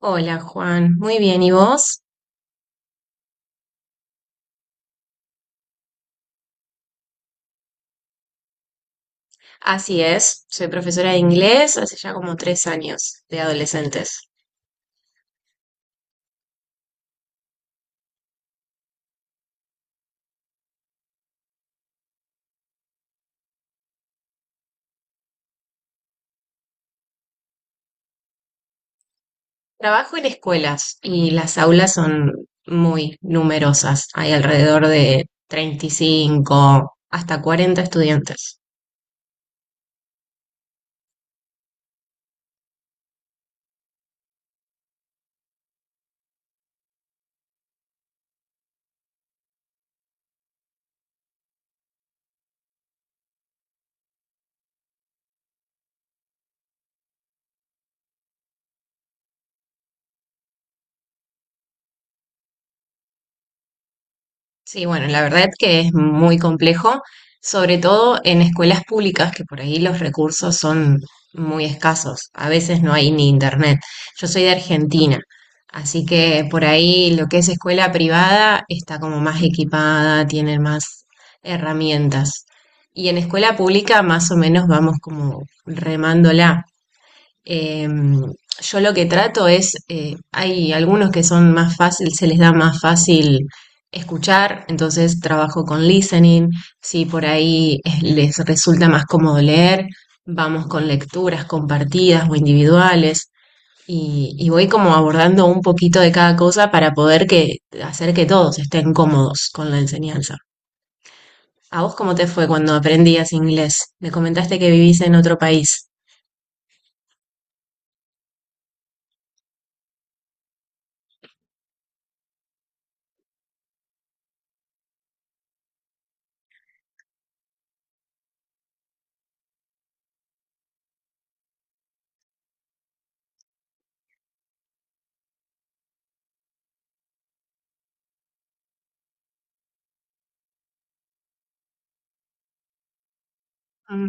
Hola Juan, muy bien, ¿y vos? Así es, soy profesora de inglés hace ya como tres años de adolescentes. Trabajo en escuelas y las aulas son muy numerosas, hay alrededor de 35 hasta 40 estudiantes. Sí, bueno, la verdad es que es muy complejo, sobre todo en escuelas públicas, que por ahí los recursos son muy escasos. A veces no hay ni internet. Yo soy de Argentina, así que por ahí lo que es escuela privada está como más equipada, tiene más herramientas. Y en escuela pública más o menos vamos como remándola. Eh, yo lo que trato es, hay algunos que son más fácil, se les da más fácil escuchar, entonces trabajo con listening, si por ahí les resulta más cómodo leer, vamos con lecturas compartidas o individuales y voy como abordando un poquito de cada cosa para poder que, hacer que todos estén cómodos con la enseñanza. ¿A vos cómo te fue cuando aprendías inglés? Me comentaste que vivís en otro país. Mm,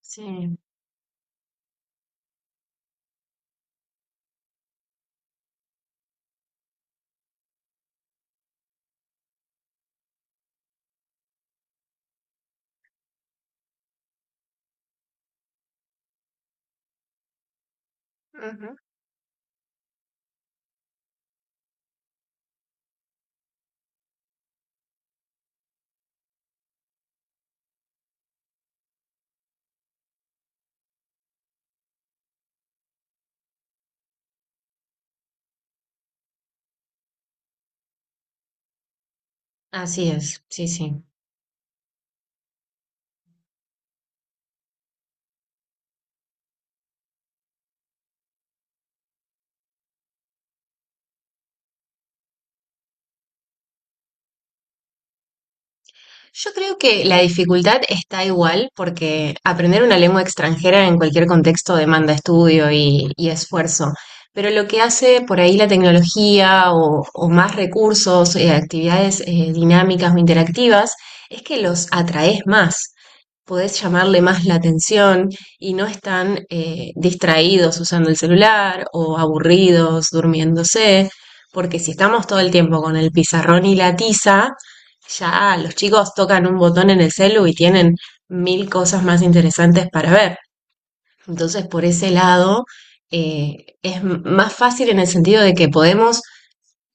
sí. Así es, sí, sí. Yo creo que la dificultad está igual porque aprender una lengua extranjera en cualquier contexto demanda estudio y esfuerzo, pero lo que hace por ahí la tecnología o más recursos, actividades dinámicas o interactivas, es que los atraes más. Podés llamarle más la atención y no están distraídos usando el celular o aburridos durmiéndose, porque si estamos todo el tiempo con el pizarrón y la tiza, ya los chicos tocan un botón en el celu y tienen mil cosas más interesantes para ver. Entonces, por ese lado, eh, es más fácil en el sentido de que podemos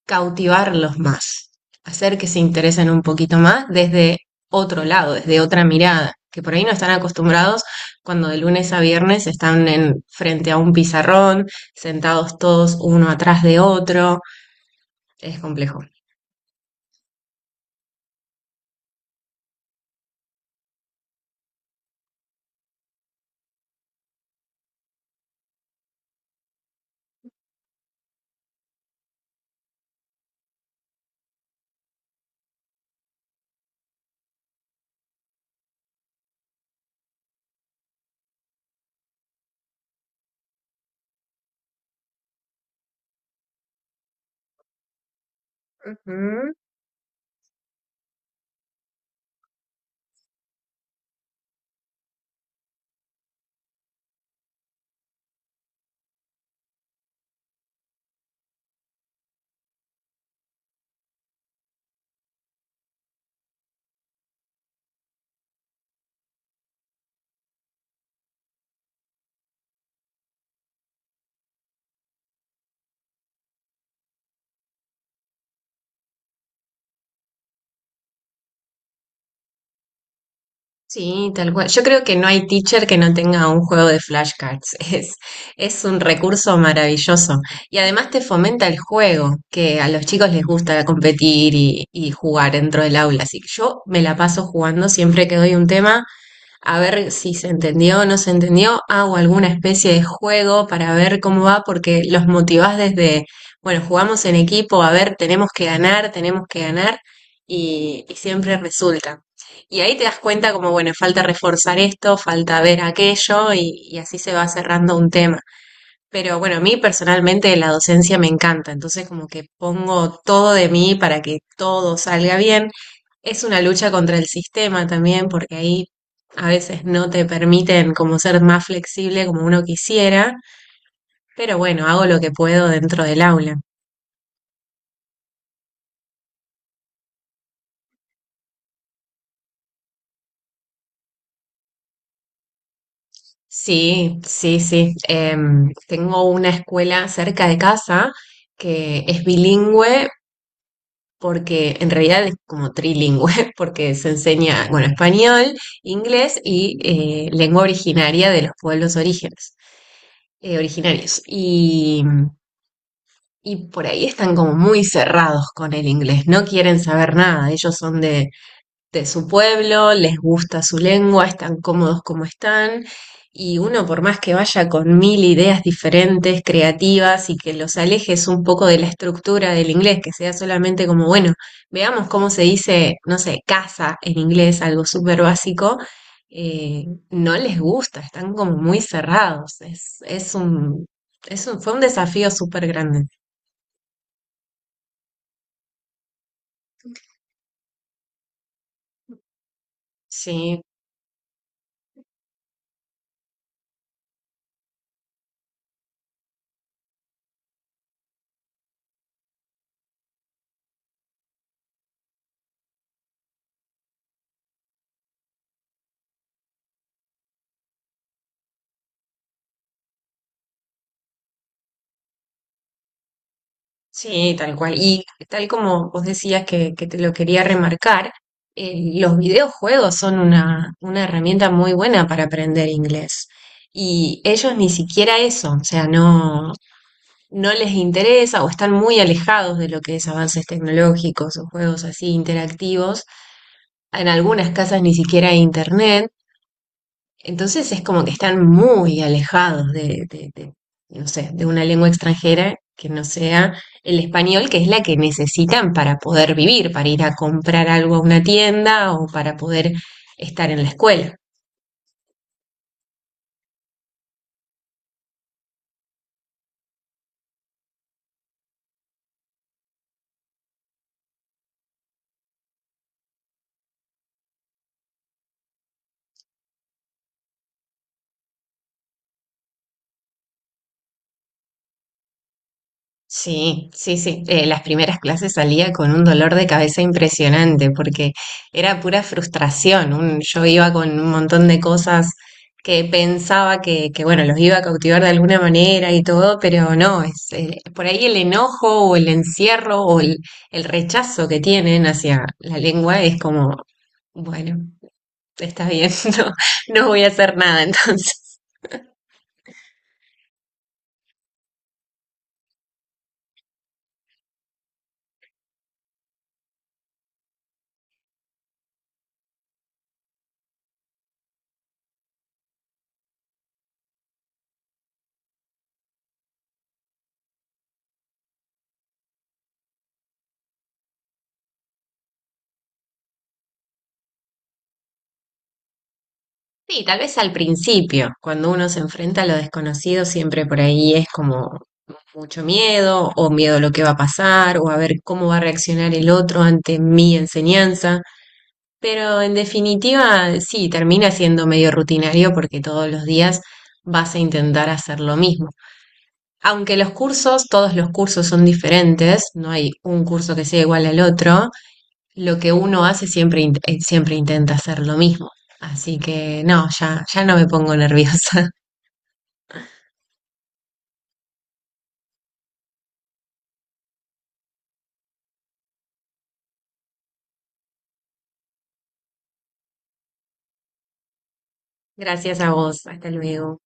cautivarlos más, hacer que se interesen un poquito más desde otro lado, desde otra mirada, que por ahí no están acostumbrados cuando de lunes a viernes están en, frente a un pizarrón, sentados todos uno atrás de otro, es complejo. Ujú. Sí, tal cual. Yo creo que no hay teacher que no tenga un juego de flashcards. Es un recurso maravilloso. Y además te fomenta el juego, que a los chicos les gusta competir y jugar dentro del aula. Así que yo me la paso jugando siempre que doy un tema a ver si se entendió o no se entendió, hago alguna especie de juego para ver cómo va, porque los motivás desde, bueno, jugamos en equipo, a ver, tenemos que ganar, y siempre resulta. Y ahí te das cuenta como, bueno, falta reforzar esto, falta ver aquello, y así se va cerrando un tema. Pero bueno, a mí personalmente la docencia me encanta, entonces como que pongo todo de mí para que todo salga bien. Es una lucha contra el sistema también, porque ahí a veces no te permiten como ser más flexible como uno quisiera, pero bueno, hago lo que puedo dentro del aula. Sí, sí, sí. Tengo una escuela cerca de casa que es bilingüe, porque en realidad es como trilingüe, porque se enseña, bueno, español, inglés y lengua originaria de los pueblos orígenes, originarios. Y por ahí están como muy cerrados con el inglés, no quieren saber nada, ellos son de su pueblo, les gusta su lengua, están cómodos como están, y uno por más que vaya con mil ideas diferentes, creativas, y que los alejes un poco de la estructura del inglés, que sea solamente como, bueno, veamos cómo se dice, no sé, casa en inglés, algo súper básico, eh, no les gusta, están como muy cerrados, fue un desafío súper grande. Sí, sí, tal cual. Y tal como vos decías que te lo quería remarcar, los videojuegos son una herramienta muy buena para aprender inglés. Y ellos ni siquiera eso, o sea, no, no les interesa o están muy alejados de lo que es avances tecnológicos o juegos así interactivos. En algunas casas ni siquiera hay internet. Entonces es como que están muy alejados de no sé, de una lengua extranjera que no sea el español, que es la que necesitan para poder vivir, para ir a comprar algo a una tienda o para poder estar en la escuela. Sí, sí, sí. Las primeras clases salía con un dolor de cabeza impresionante porque era pura frustración. Yo iba con un montón de cosas que pensaba bueno, los iba a cautivar de alguna manera y todo, pero no, es por ahí el enojo o el encierro o el rechazo que tienen hacia la lengua es como, bueno, está bien, no, no voy a hacer nada entonces. Sí, tal vez al principio, cuando uno se enfrenta a lo desconocido, siempre por ahí es como mucho miedo o miedo a lo que va a pasar o a ver cómo va a reaccionar el otro ante mi enseñanza. Pero en definitiva, sí, termina siendo medio rutinario porque todos los días vas a intentar hacer lo mismo. Aunque los cursos, todos los cursos son diferentes, no hay un curso que sea igual al otro, lo que uno hace siempre, siempre intenta hacer lo mismo. Así que no, ya, ya no me pongo nerviosa. Gracias a vos, hasta luego.